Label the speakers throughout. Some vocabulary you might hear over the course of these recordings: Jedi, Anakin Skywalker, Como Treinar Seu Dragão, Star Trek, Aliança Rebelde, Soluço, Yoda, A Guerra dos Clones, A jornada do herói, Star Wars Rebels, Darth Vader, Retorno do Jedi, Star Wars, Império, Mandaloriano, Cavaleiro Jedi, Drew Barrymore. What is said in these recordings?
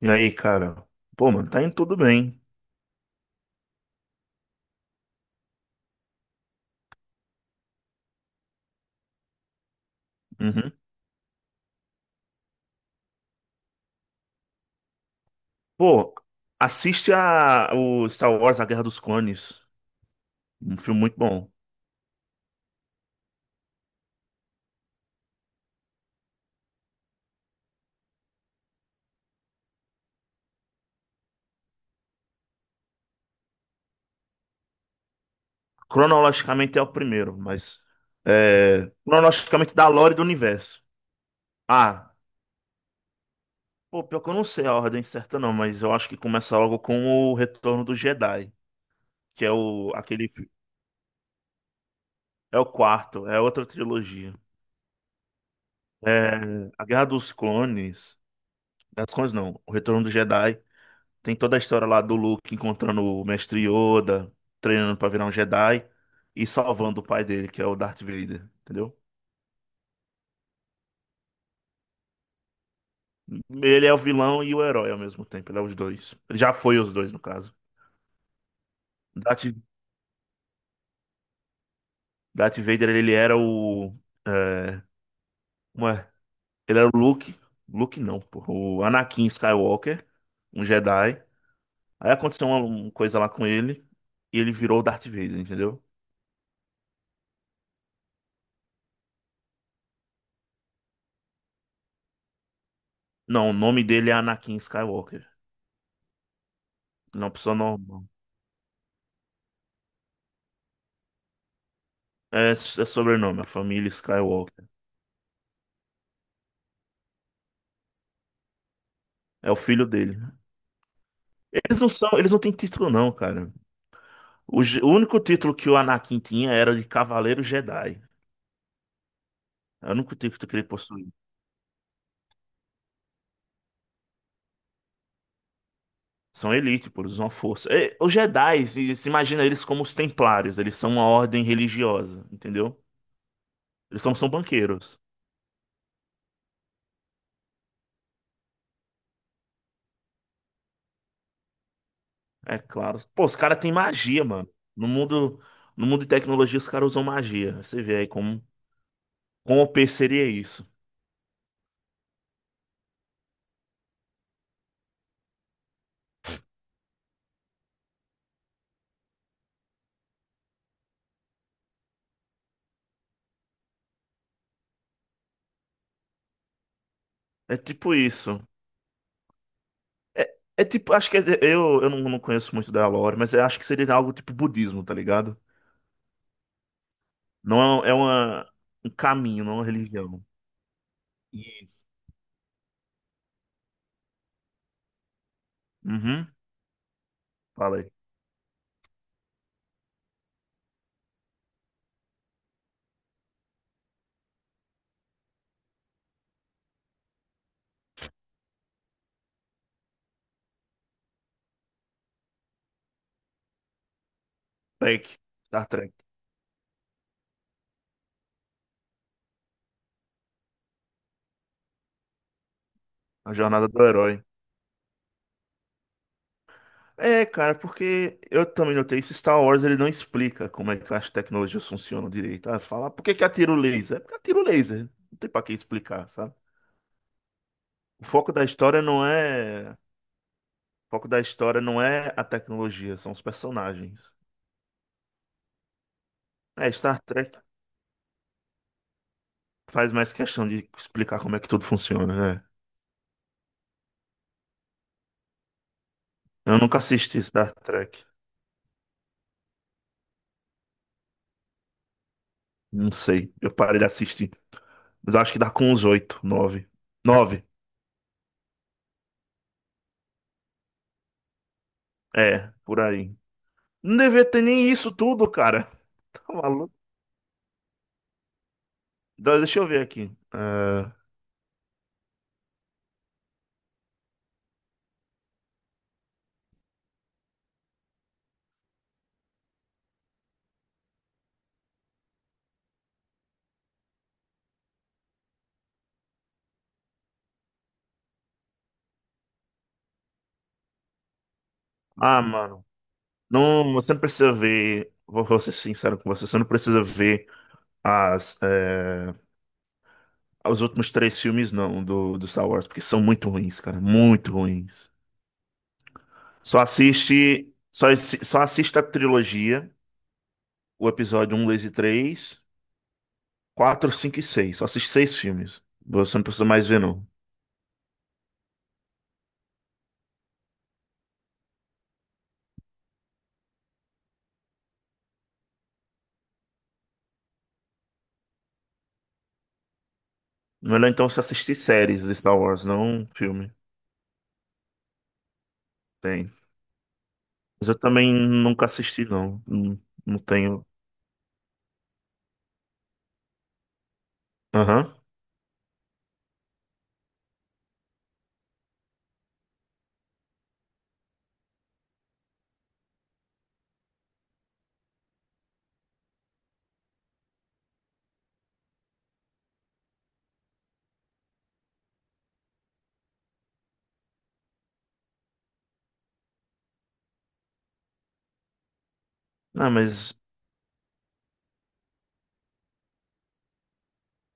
Speaker 1: E aí, cara? Pô, mano, tá indo tudo bem. Uhum. Pô, assiste a, o Star Wars, A Guerra dos Clones. Um filme muito bom. Cronologicamente é o primeiro, mas. É, cronologicamente da lore do universo. Ah, pô, pior que eu não sei a ordem certa, não, mas eu acho que começa logo com o Retorno do Jedi, que é o aquele. É o quarto, é outra trilogia. É, a Guerra dos Clones. Guerra dos Clones não, o Retorno do Jedi. Tem toda a história lá do Luke encontrando o Mestre Yoda, treinando pra virar um Jedi e salvando o pai dele, que é o Darth Vader, entendeu? Ele é o vilão e o herói ao mesmo tempo, ele é os dois. Ele já foi os dois, no caso. Darth, Darth Vader, ele era o. É, como é? Ele era o Luke. Luke não, pô. O Anakin Skywalker, um Jedi. Aí aconteceu uma coisa lá com ele e ele virou o Darth Vader, entendeu? Não, o nome dele é Anakin Skywalker. Ele é uma pessoa normal. É sobrenome, a família Skywalker. É o filho dele. Eles não são, eles não têm título não, cara. O, o único título que o Anakin tinha era de Cavaleiro Jedi. É o único título que ele possui. São elite, pô, eles usam a força. É, os Jedi, se imagina eles como os Templários, eles são uma ordem religiosa, entendeu? Eles são, são banqueiros. É claro. Pô, os caras têm magia, mano. No mundo, no mundo de tecnologia, os caras usam magia. Você vê aí como, como o P seria isso. É tipo isso. É, é tipo, acho que é, eu não conheço muito da lore, mas eu acho que seria algo tipo budismo, tá ligado? Não é, é uma, um caminho, não é uma religião. Isso. Uhum. Fala aí. Trek. Star Trek. A jornada do herói. É, cara, porque eu também notei isso. Star Wars ele não explica como é que as tecnologias funcionam direito. Ah, fala, "Ah, por que que atira o laser? É porque atira o laser. Não tem pra que explicar, sabe? O foco da história não é. O foco da história não é a tecnologia, são os personagens. É, Star Trek faz mais questão de explicar como é que tudo funciona, né? Eu nunca assisti Star Trek. Não sei. Eu parei de assistir. Mas eu acho que dá com uns oito, nove. Nove. É, por aí. Não devia ter nem isso tudo, cara. Tá maluco? Então, deixa eu ver aqui. Ah, mano. Não, você não precisa ver. Vou ser sincero com você. Você não precisa ver as, é, os últimos três filmes, não, do Star Wars, porque são muito ruins, cara. Muito ruins. Só assista a trilogia, o episódio um, 2 e 3, 4, 5 e 6. Só assiste seis filmes. Você não precisa mais ver, não. Melhor então você assistir séries de Star Wars, não um filme. Tem. Mas eu também nunca assisti, não. Não, não tenho. Aham. Não, mas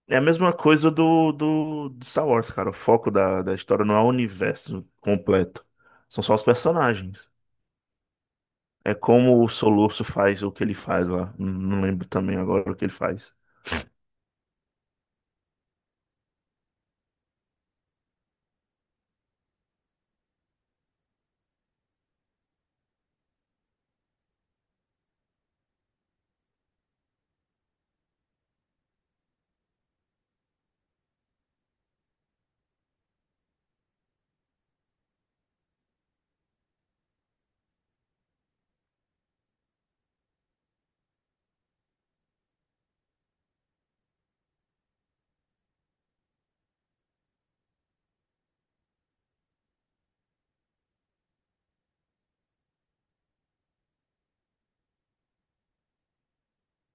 Speaker 1: é a mesma coisa do Star Wars, cara. O foco da história não é o universo completo. São só os personagens. É como o Soluço faz o que ele faz lá. Não lembro também agora o que ele faz.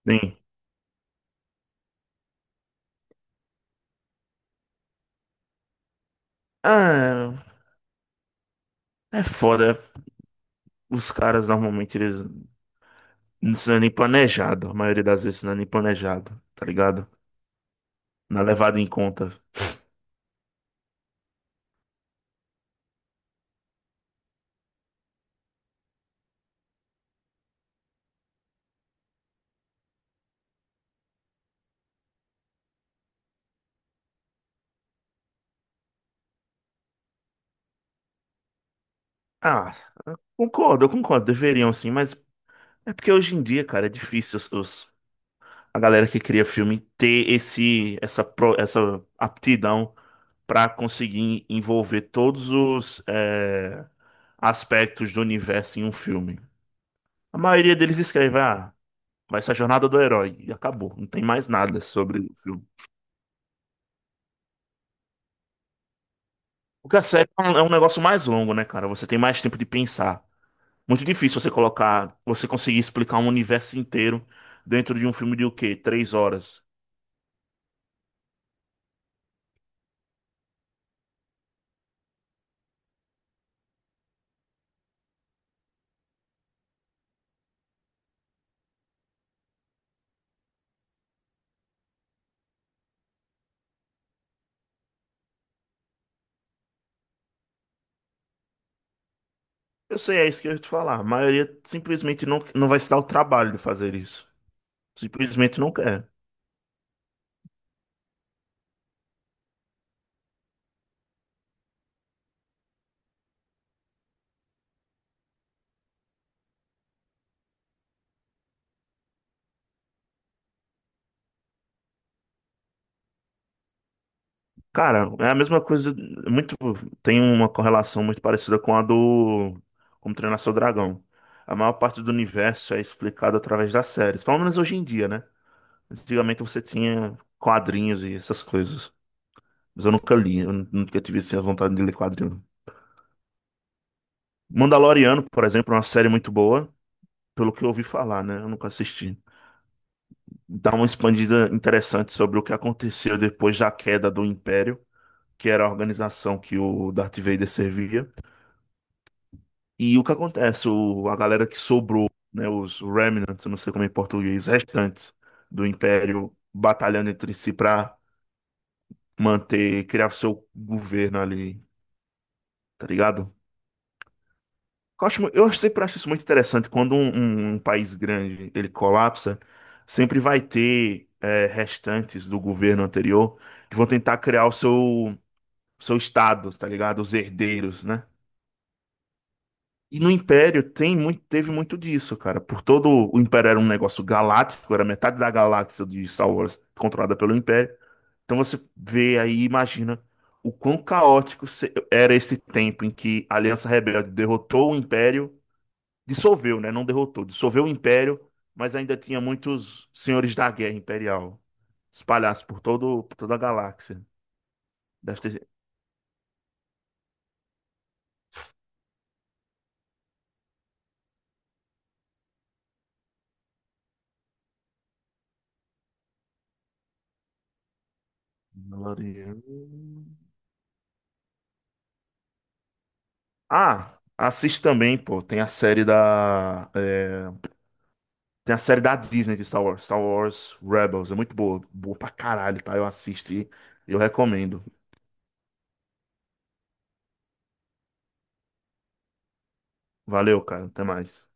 Speaker 1: Sim. Ah, é foda. Os caras normalmente eles não é nem planejado. A maioria das vezes não é nem planejado, tá ligado? Não é levado em conta. Ah, concordo, eu concordo. Deveriam sim, mas é porque hoje em dia, cara, é difícil a galera que cria filme ter essa aptidão pra conseguir envolver todos os aspectos do universo em um filme. A maioria deles escreve, ah. Vai ser a jornada do herói. E acabou. Não tem mais nada sobre o filme. Porque a série é um negócio mais longo, né, cara? Você tem mais tempo de pensar. Muito difícil você colocar, você conseguir explicar um universo inteiro dentro de um filme de o quê? Três horas. Eu sei, é isso que eu ia te falar. A maioria simplesmente não, não vai se dar o trabalho de fazer isso. Simplesmente não quer. Cara, é a mesma coisa. Muito, tem uma correlação muito parecida com a do Como Treinar Seu Dragão. A maior parte do universo é explicado através das séries. Pelo menos hoje em dia, né? Antigamente você tinha quadrinhos e essas coisas. Mas eu nunca li, nunca tive assim, a vontade de ler quadrinho. Mandaloriano, por exemplo, é uma série muito boa, pelo que eu ouvi falar, né? Eu nunca assisti. Dá uma expandida interessante sobre o que aconteceu depois da queda do Império, que era a organização que o Darth Vader servia. E o que acontece, o, a galera que sobrou, né? Os Remnants, eu não sei como é em português, restantes do Império, batalhando entre si pra manter, criar seu governo ali, tá ligado? Eu sempre acho isso muito interessante quando um país grande ele colapsa, sempre vai ter é, restantes do governo anterior que vão tentar criar o seu seu estado, tá ligado? Os herdeiros, né? E no Império tem muito, teve muito disso, cara. Por todo o Império era um negócio galáctico, era metade da galáxia de Star Wars controlada pelo Império. Então você vê aí, e imagina o quão caótico era esse tempo em que a Aliança Rebelde derrotou o Império dissolveu, né? Não derrotou, dissolveu o império, mas ainda tinha muitos senhores da guerra imperial espalhados por toda a galáxia. Deve ter. Mandaloriano. Ah, assiste também, pô. Tem a série da Disney de Star Wars, Star Wars Rebels. É muito boa. Boa pra caralho, tá? Eu assisti. Eu recomendo. Valeu, cara. Até mais.